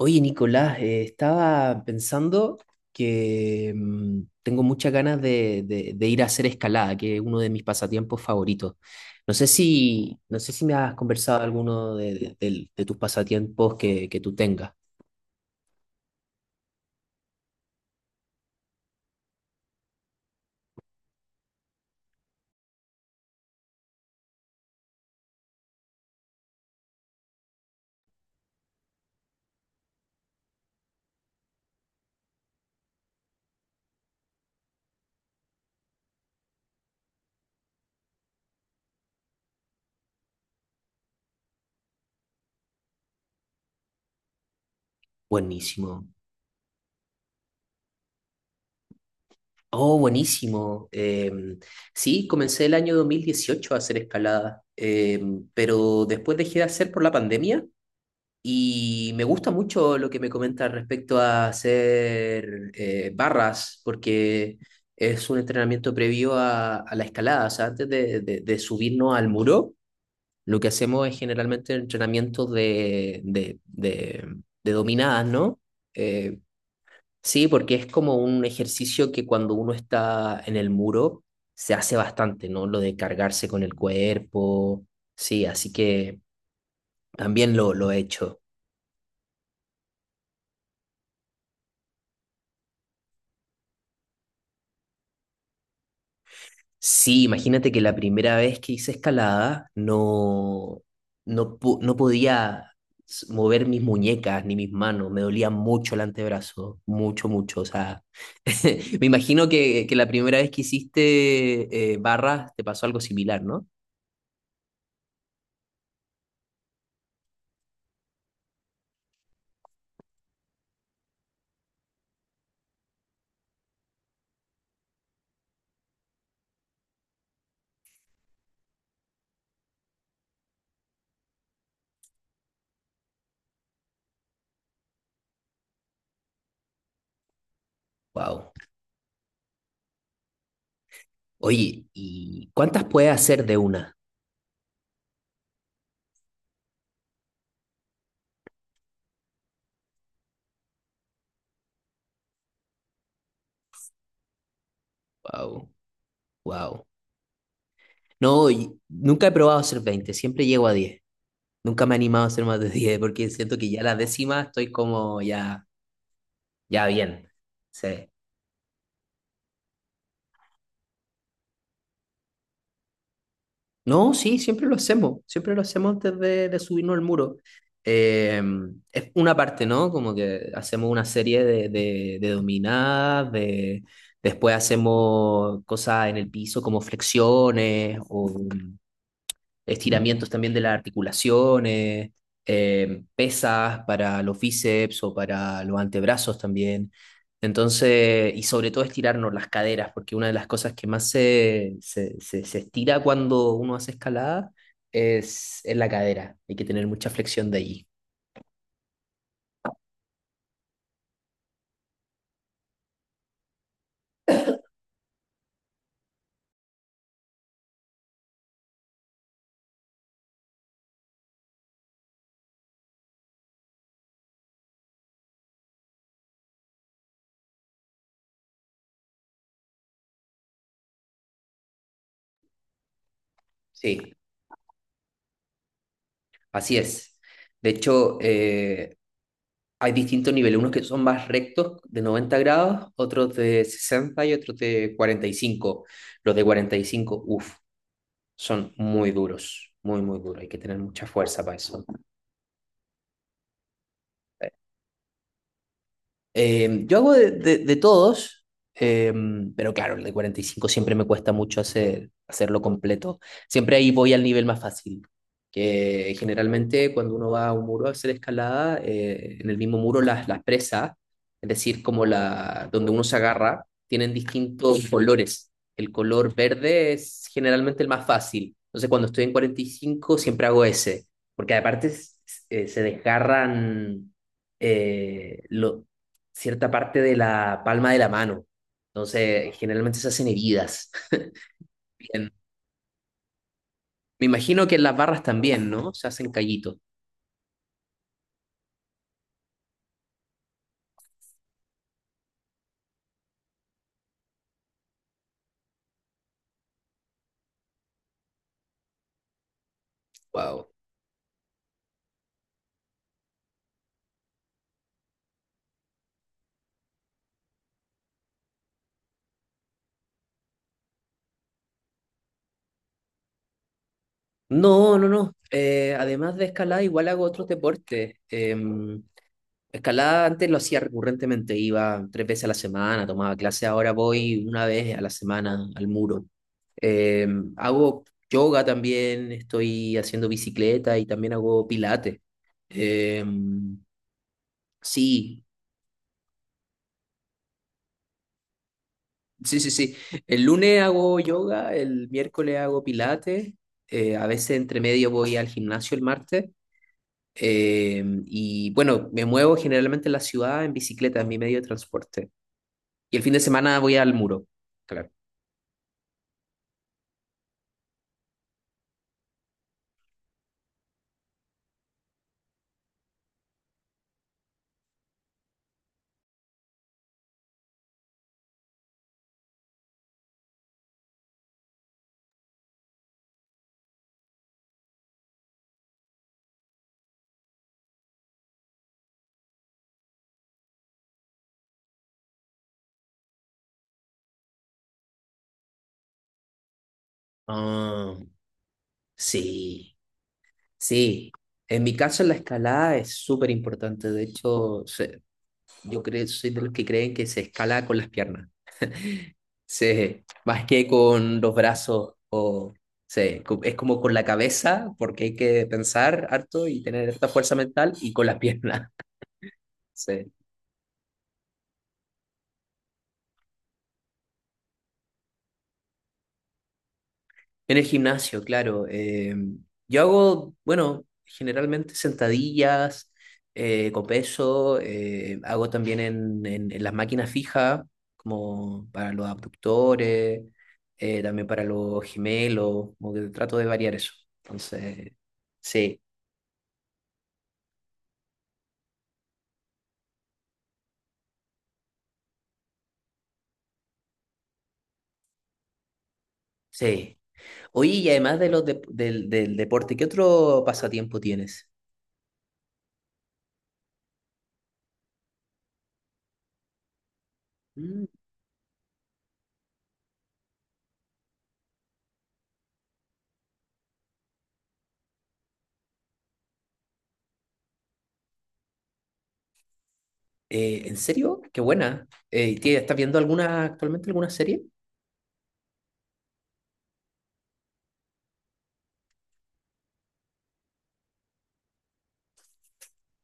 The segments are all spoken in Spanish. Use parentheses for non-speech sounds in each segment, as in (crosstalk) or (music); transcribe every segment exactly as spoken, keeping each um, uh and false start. Oye, Nicolás, eh, estaba pensando que mm, tengo muchas ganas de, de- de ir a hacer escalada, que es uno de mis pasatiempos favoritos. No sé si, no sé si me has conversado alguno de, de- del- de tus pasatiempos que, que tú tengas. Buenísimo. Oh, buenísimo. Em, sí, comencé el año dos mil dieciocho a hacer escalada, em, pero después dejé de hacer por la pandemia. Y me gusta mucho lo que me comenta respecto a hacer eh, barras, porque es un entrenamiento previo a, a la escalada. O sea, antes de, de- de subirnos al muro, lo que hacemos es generalmente entrenamientos de, de, de, de dominadas, ¿no? Eh, sí, porque es como un ejercicio que cuando uno está en el muro se hace bastante, ¿no? Lo de cargarse con el cuerpo. Sí, así que también lo, lo he hecho. Sí, imagínate que la primera vez que hice escalada no, no, po- no podía s- mover mis muñecas ni mis manos, me dolía mucho el antebrazo, mucho, mucho. O sea, (laughs) me imagino que, que la primera vez que hiciste eh, barras te pasó algo similar, ¿no? Wow. Oye, ¿y cuántas puedes hacer de una? Wow, wow. No, y nunca he probado hacer veinte, siempre llego a diez. Nunca me he animado a hacer más de diez porque siento que ya la décima estoy como ya. Ya, bien. Sí. No, sí, siempre lo hacemos. Siempre lo hacemos antes de, de subirnos al muro. Eh, es una parte, ¿no? Como que hacemos una serie de, de, de dominadas, de, después hacemos cosas en el piso como flexiones o estiramientos también de las articulaciones, eh, pesas para los bíceps o para los antebrazos también. Entonces, y sobre todo estirarnos las caderas, porque una de las cosas que más se, se, se- se estira cuando uno hace escalada es, es la cadera. Hay que tener mucha flexión de allí. Sí, así es. De hecho, eh, hay distintos niveles, unos que son más rectos de noventa grados, otros de sesenta y otros de cuarenta y cinco. Los de cuarenta y cinco, uff, son muy duros, muy, muy duros. Hay que tener mucha fuerza para eso. Eh, yo hago de, de- de todos, eh, pero claro, el de cuarenta y cinco siempre me cuesta mucho hacer, hacerlo completo. Siempre ahí voy al nivel más fácil, que generalmente cuando uno va a un muro a hacer escalada, eh, en el mismo muro las, las presas, es decir, como la, donde uno se agarra, tienen distintos colores. El color verde es generalmente el más fácil. Entonces cuando estoy en cuarenta y cinco siempre hago ese, porque aparte eh, se desgarran eh, lo- cierta parte de la palma de la mano. Entonces, generalmente se hacen heridas. (laughs) Bien. Me imagino que en las barras también, ¿no? Se hacen callitos. Wow. No, no, no. Eh, además de escalada, igual hago otros deportes. Em, escalada antes lo hacía recurrentemente, iba tres veces a la semana, tomaba clase, ahora voy una vez a la semana al muro. Em, hago yoga también, estoy haciendo bicicleta y también hago pilates. Em, sí, sí, sí, sí. El lunes hago yoga, el miércoles hago pilates, eh, a veces entre medio voy al gimnasio el martes. eh, y bueno, me muevo generalmente en la ciudad en bicicleta, en mi medio de transporte. Y el fin de semana voy al muro. Claro. Ah, sí, sí. En mi caso la escalada es súper importante. De hecho, se- yo creo, soy de los que creen que se escala con las piernas. (laughs) Se, más que con los brazos, o se, co- es como con la cabeza, porque hay que pensar harto y tener harta fuerza mental y con las piernas. (laughs) Sí. En el gimnasio, claro. eh, yo hago, bueno, generalmente sentadillas eh, con peso, eh, hago también en, en- en las máquinas fijas, como para los abductores, eh, también para los gemelos, como que trato de variar eso. Entonces, sí, sí. Oye, y además de los dep- del, del deporte, ¿qué otro pasatiempo tienes? Mm, eh, ¿en serio? Qué buena. Eh, ¿tie- ¿estás viendo alguna, actualmente alguna serie?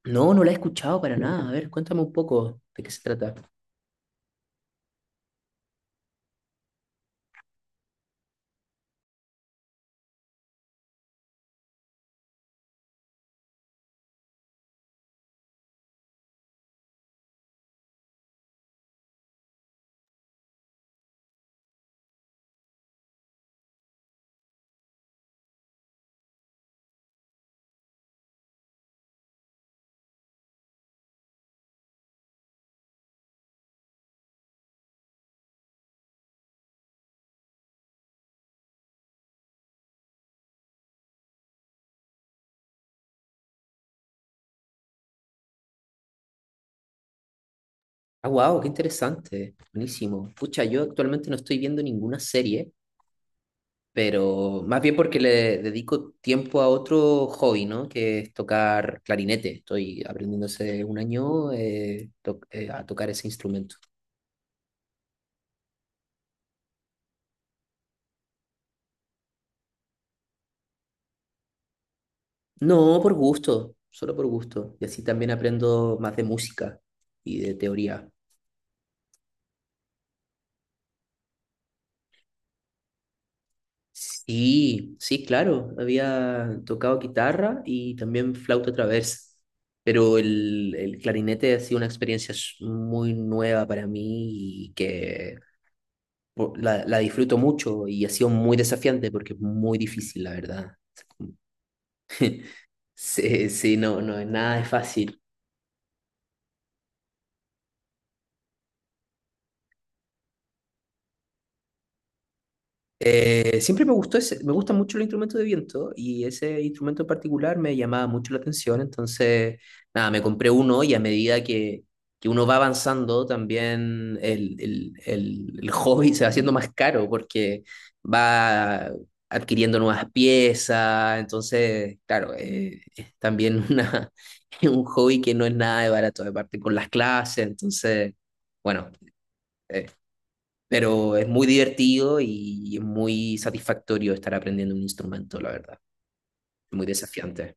No, no la he escuchado para nada. A ver, cuéntame un poco de qué se trata. Ah, wow, qué interesante. Buenísimo. Pucha, yo actualmente no estoy viendo ninguna serie, pero más bien porque le dedico tiempo a otro hobby, ¿no? Que es tocar clarinete. Estoy aprendiendo hace un año eh, to- eh, a tocar ese instrumento. No, por gusto, solo por gusto. Y así también aprendo más de música y de teoría. Sí, sí, claro. Había tocado guitarra y también flauta traversa. Pero el, el clarinete ha sido una experiencia s- muy nueva para mí y que po- la, la disfruto mucho y ha sido muy desafiante porque es muy difícil, la verdad. (laughs) Sí, sí, no, no, nada es fácil. Eh, siempre me gustó ese, me gusta mucho el instrumento de viento y ese instrumento en particular me llamaba mucho la atención, entonces, nada, me compré uno y a medida que, que uno va avanzando, también el, el, el, el (laughs) hobby se va haciendo más caro porque va adquiriendo nuevas piezas, entonces, claro, eh, es también una, (laughs) un hobby que no es nada de barato, aparte con las clases, entonces, bueno. eh, pero es muy divertido y es muy satisfactorio estar aprendiendo un instrumento, la verdad. Muy desafiante.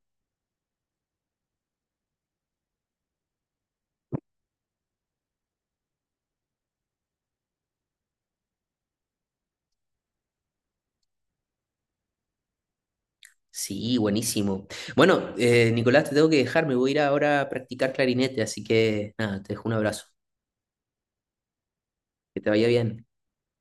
Sí, buenísimo. Bueno, eh, Nicolás, te tengo que dejar, me voy a ir ahora a practicar clarinete, así que nada, te dejo un abrazo. Que te vaya bien.